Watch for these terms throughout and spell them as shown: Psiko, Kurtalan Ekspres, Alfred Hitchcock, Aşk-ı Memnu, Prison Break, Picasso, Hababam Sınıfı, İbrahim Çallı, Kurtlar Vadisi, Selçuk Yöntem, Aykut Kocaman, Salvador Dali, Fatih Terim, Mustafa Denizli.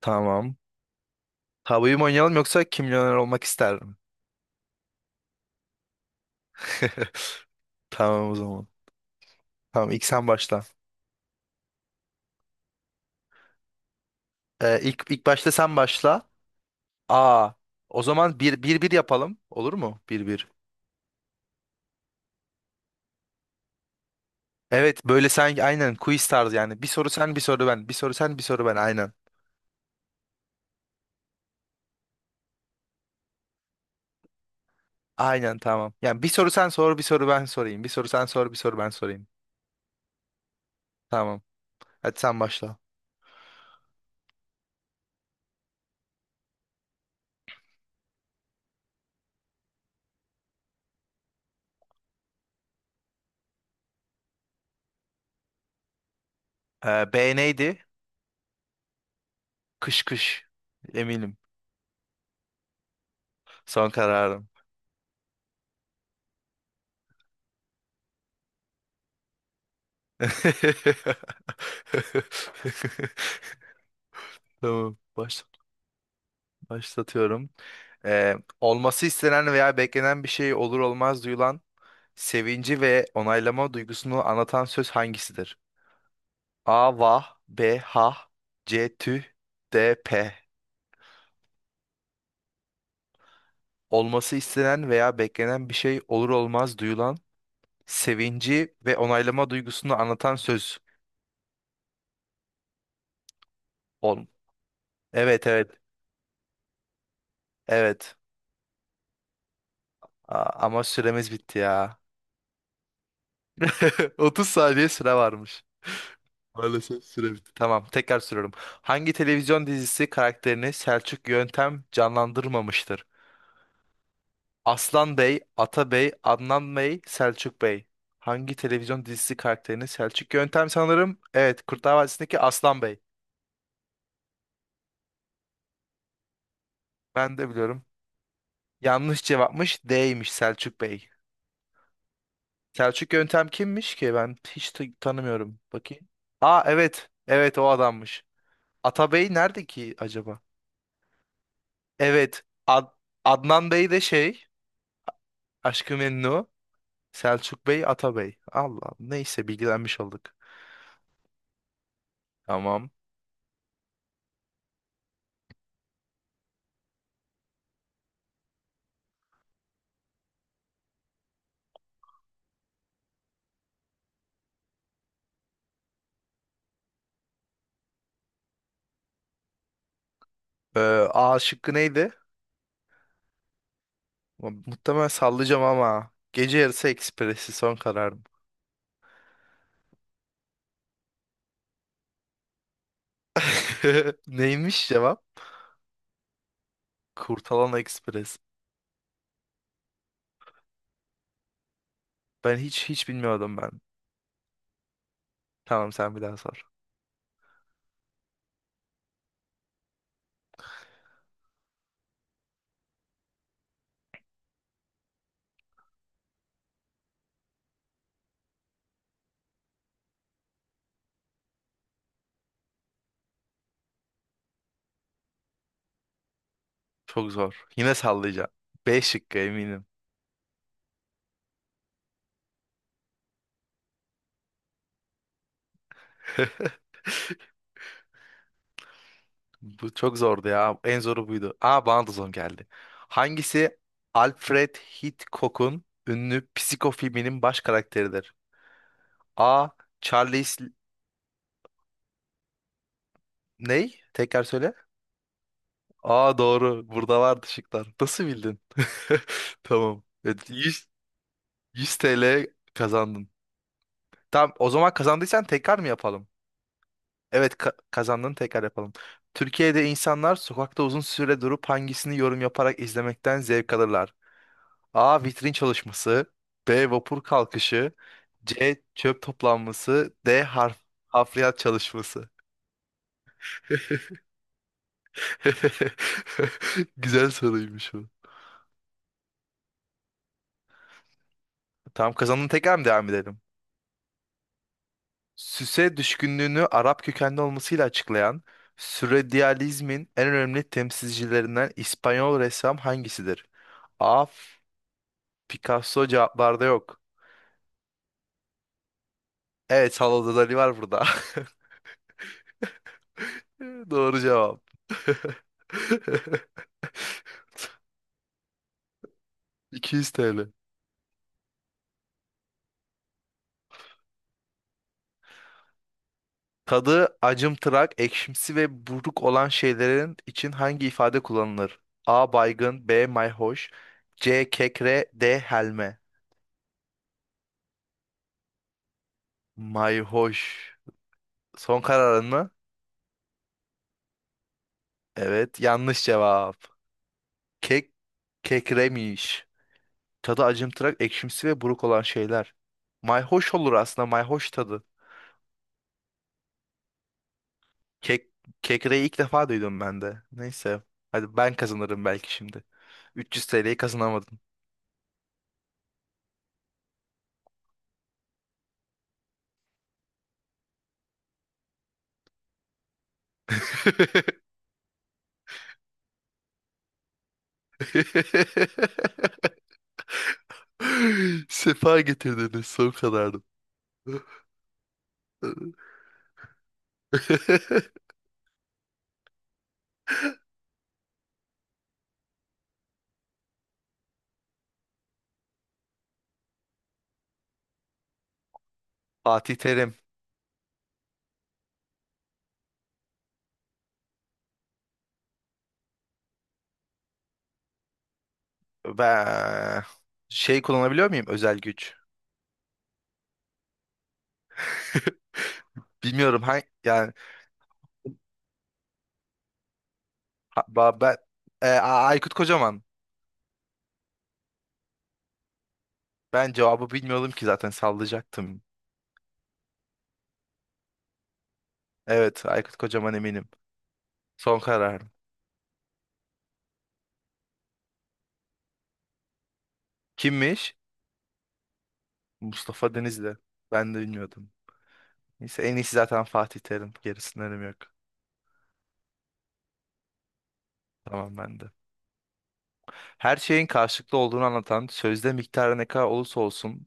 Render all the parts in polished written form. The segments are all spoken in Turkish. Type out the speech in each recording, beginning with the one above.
Tamam. Tabuyu mu oynayalım yoksa kim milyoner olmak ister? Tamam, o zaman. Tamam, ilk sen başla. İlk başta sen başla. Aa, o zaman bir, bir yapalım. Olur mu? Bir, bir. Evet, böyle sanki, aynen, quiz tarzı yani. Bir soru sen, bir soru ben. Bir soru sen, bir soru ben, aynen. Aynen, tamam. Yani bir soru sen sor, bir soru ben sorayım. Bir soru sen sor, bir soru ben sorayım. Tamam. Hadi sen başla. B neydi? Kış kış. Eminim. Son kararım. Tamam. Başlatıyorum. Ee, olması istenen veya beklenen bir şey olur olmaz duyulan sevinci ve onaylama duygusunu anlatan söz hangisidir? A. Vah. B. Ha. C. Tüh. D. P. Olması istenen veya beklenen bir şey olur olmaz duyulan sevinci ve onaylama duygusunu anlatan söz. Ol. Evet, evet, evet. Aa, ama süremiz bitti ya. 30 saniye süre varmış. Maalesef süre bitti. Tamam, tekrar soruyorum. Hangi televizyon dizisi karakterini Selçuk Yöntem canlandırmamıştır? Aslan Bey, Atabey, Adnan Bey, Selçuk Bey. Hangi televizyon dizisi karakterini Selçuk Yöntem, sanırım? Evet, Kurtlar Vadisi'ndeki Aslan Bey. Ben de biliyorum. Yanlış cevapmış, D'ymiş, Selçuk Bey. Selçuk Yöntem kimmiş ki? Ben hiç tanımıyorum. Bakayım. Aa, evet, evet, o adammış. Atabey nerede ki acaba? Evet. Adnan Bey de şey. Aşk-ı Memnu. Selçuk Bey, Ata Bey. Allah. Neyse, bilgilenmiş olduk. Tamam. Ee, A şıkkı neydi? Muhtemelen sallayacağım ama. Gece yarısı ekspresi son kararım. Neymiş cevap? Kurtalan Ekspres. Ben hiç bilmiyordum ben. Tamam, sen bir daha sor. Çok zor. Yine sallayacağım. B şıkkı eminim. Bu çok zordu ya. En zoru buydu. Aa, bana da zor geldi. Hangisi Alfred Hitchcock'un ünlü Psiko filminin baş karakteridir? A. Charles ney? Tekrar söyle. Aa, doğru. Burada vardı şıklar. Nasıl bildin? Tamam. Evet, 100, 100 TL kazandın. Tamam, o zaman kazandıysan tekrar mı yapalım? Evet, kazandın, tekrar yapalım. Türkiye'de insanlar sokakta uzun süre durup hangisini yorum yaparak izlemekten zevk alırlar? A. Vitrin çalışması. B. Vapur kalkışı. C. Çöp toplanması. D. Hafriyat çalışması. Güzel soruymuş bu. Tamam, kazandın, tekrar mı devam edelim? Süse düşkünlüğünü Arap kökenli olmasıyla açıklayan sürrealizmin en önemli temsilcilerinden İspanyol ressam hangisidir? A. Picasso cevaplarda yok. Evet, Salvador Dali var burada. Doğru cevap. 200 TL. Tadı acımtırak, ekşimsi ve buruk olan şeylerin için hangi ifade kullanılır? A. Baygın. B. Mayhoş. C. Kekre. D. Helme. Mayhoş. Son kararın mı? Evet, yanlış cevap. Kek kekremiş. Tadı acımtırak, ekşimsi ve buruk olan şeyler. Mayhoş olur aslında, mayhoş tadı. Kek kekreyi ilk defa duydum ben de. Neyse. Hadi ben kazanırım belki şimdi. 300 TL'yi kazanamadım. Sefa getirdiniz son kadardı. Fatih Terim. Ben şey kullanabiliyor muyum, özel güç? Bilmiyorum, ha, yani, ben, Aykut Kocaman. Ben cevabı bilmiyordum ki, zaten sallayacaktım. Evet, Aykut Kocaman, eminim. Son kararım. Kimmiş? Mustafa Denizli. Ben de bilmiyordum. Neyse, en iyisi zaten Fatih Terim. Gerisinden önemi yok. Tamam, ben de. Her şeyin karşılıklı olduğunu anlatan, sözde miktarı ne kadar olursa olsun,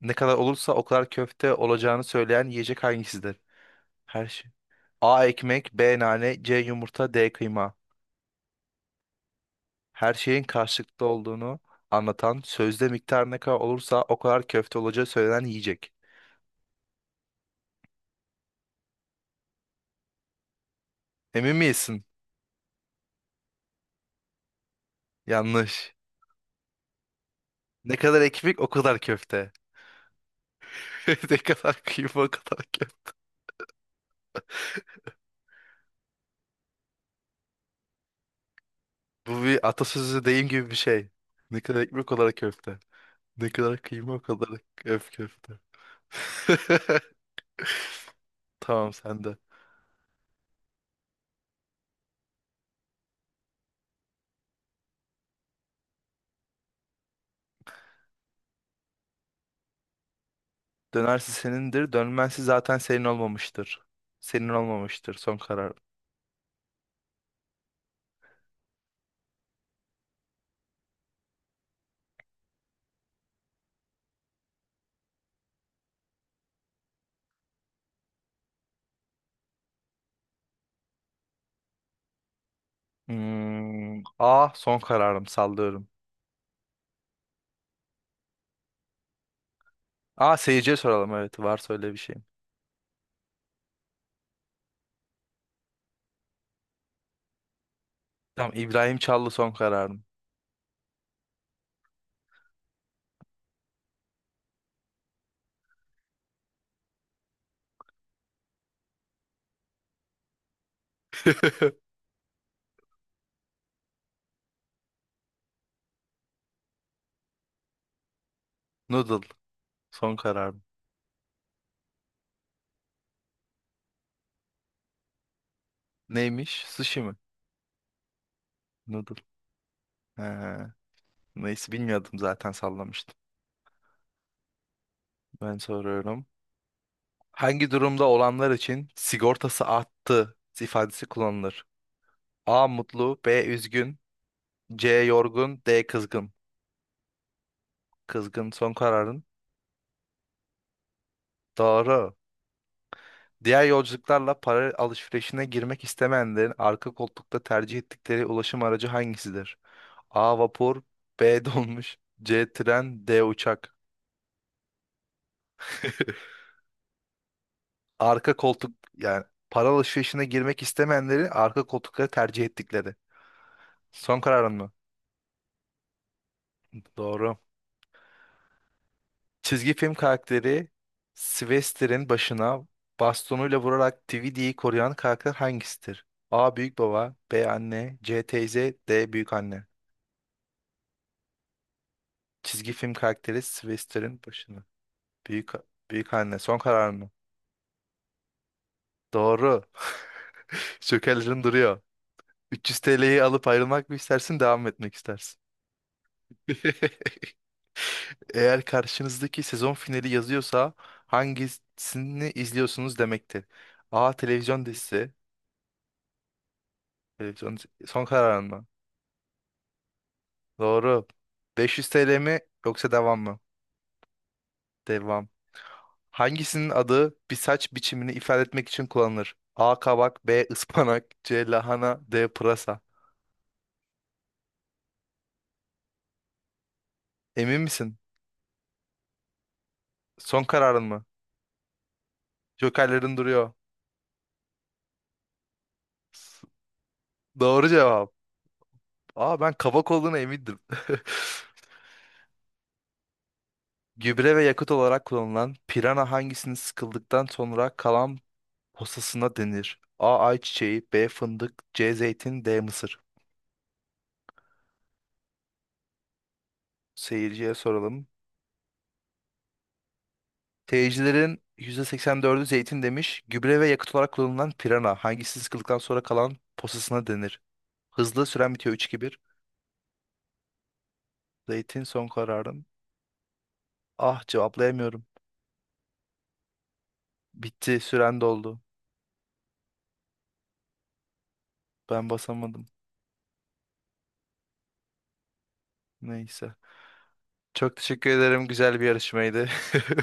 ne kadar olursa o kadar köfte olacağını söyleyen yiyecek hangisidir? Her şey. A ekmek, B nane, C yumurta, D kıyma. Her şeyin karşılıklı olduğunu anlatan, sözde miktarı ne kadar olursa o kadar köfte olacağı söylenen yiyecek. Emin misin? Yanlış. Ne kadar ekmek o kadar köfte. Ne kadar kıyma o kadar köfte. Bu bir atasözü, deyim gibi bir şey. Ne kadar ekmek o kadar köfte. Ne kadar kıyma o kadar öf köfte. Tamam, sen de. Dönersi senindir, dönmezsi zaten senin olmamıştır. Senin olmamıştır son karar. Hmm, A son kararım, sallıyorum. A, seyirciye soralım, evet, var, söyle bir şeyim. Tamam, İbrahim Çallı son kararım. Noodle son kararım. Neymiş? Sushi mi? Noodle. He, neyse, bilmiyordum, zaten sallamıştım. Ben soruyorum. Hangi durumda olanlar için sigortası arttı ifadesi kullanılır? A mutlu, B üzgün, C. Yorgun. D. Kızgın. Kızgın son kararın. Doğru. Diğer yolculuklarla para alışverişine girmek istemeyenlerin arka koltukta tercih ettikleri ulaşım aracı hangisidir? A. Vapur. B. Dolmuş. C. Tren. D. Uçak. Arka koltuk, yani para alışverişine girmek istemeyenleri arka koltukları tercih ettikleri. Son kararın mı? Doğru. Çizgi film karakteri Sylvester'in başına bastonuyla vurarak DVD'yi koruyan karakter hangisidir? A. Büyük baba. B. Anne. C. Teyze. D. Büyük anne. Çizgi film karakteri Sylvester'in başına. Büyük, büyük anne son karar mı? Doğru. Şökerlerin duruyor. 300 TL'yi alıp ayrılmak mı istersin, devam mı etmek istersin? Eğer karşınızdaki sezon finali yazıyorsa hangisini izliyorsunuz demektir. A. Televizyon dizisi. Televizyon son kararın mı? Doğru. 500 TL mi, yoksa devam mı? Devam. Hangisinin adı bir saç biçimini ifade etmek için kullanılır? A. Kabak. B. ıspanak. C. Lahana. D. Pırasa. Emin misin? Son kararın mı? Jokerlerin duruyor. S- Doğru cevap. Aa, ben kabak olduğuna emindim. Gübre ve yakıt olarak kullanılan pirana hangisinin sıkıldıktan sonra kalan posasına denir? A. Ayçiçeği. B. Fındık. C. Zeytin. D. Mısır. Seyirciye soralım. Teyicilerin %84'ü zeytin demiş. Gübre ve yakıt olarak kullanılan pirana. Hangisi sıkıldıktan sonra kalan posasına denir? Hızlı süren bitiyor 3-2-1. Zeytin son kararım. Ah, cevaplayamıyorum. Bitti, süren doldu. Ben basamadım. Neyse. Çok teşekkür ederim. Güzel bir yarışmaydı.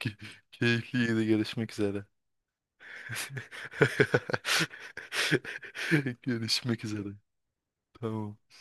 Key- Keyifliydi. Görüşmek üzere. Görüşmek üzere. Tamam.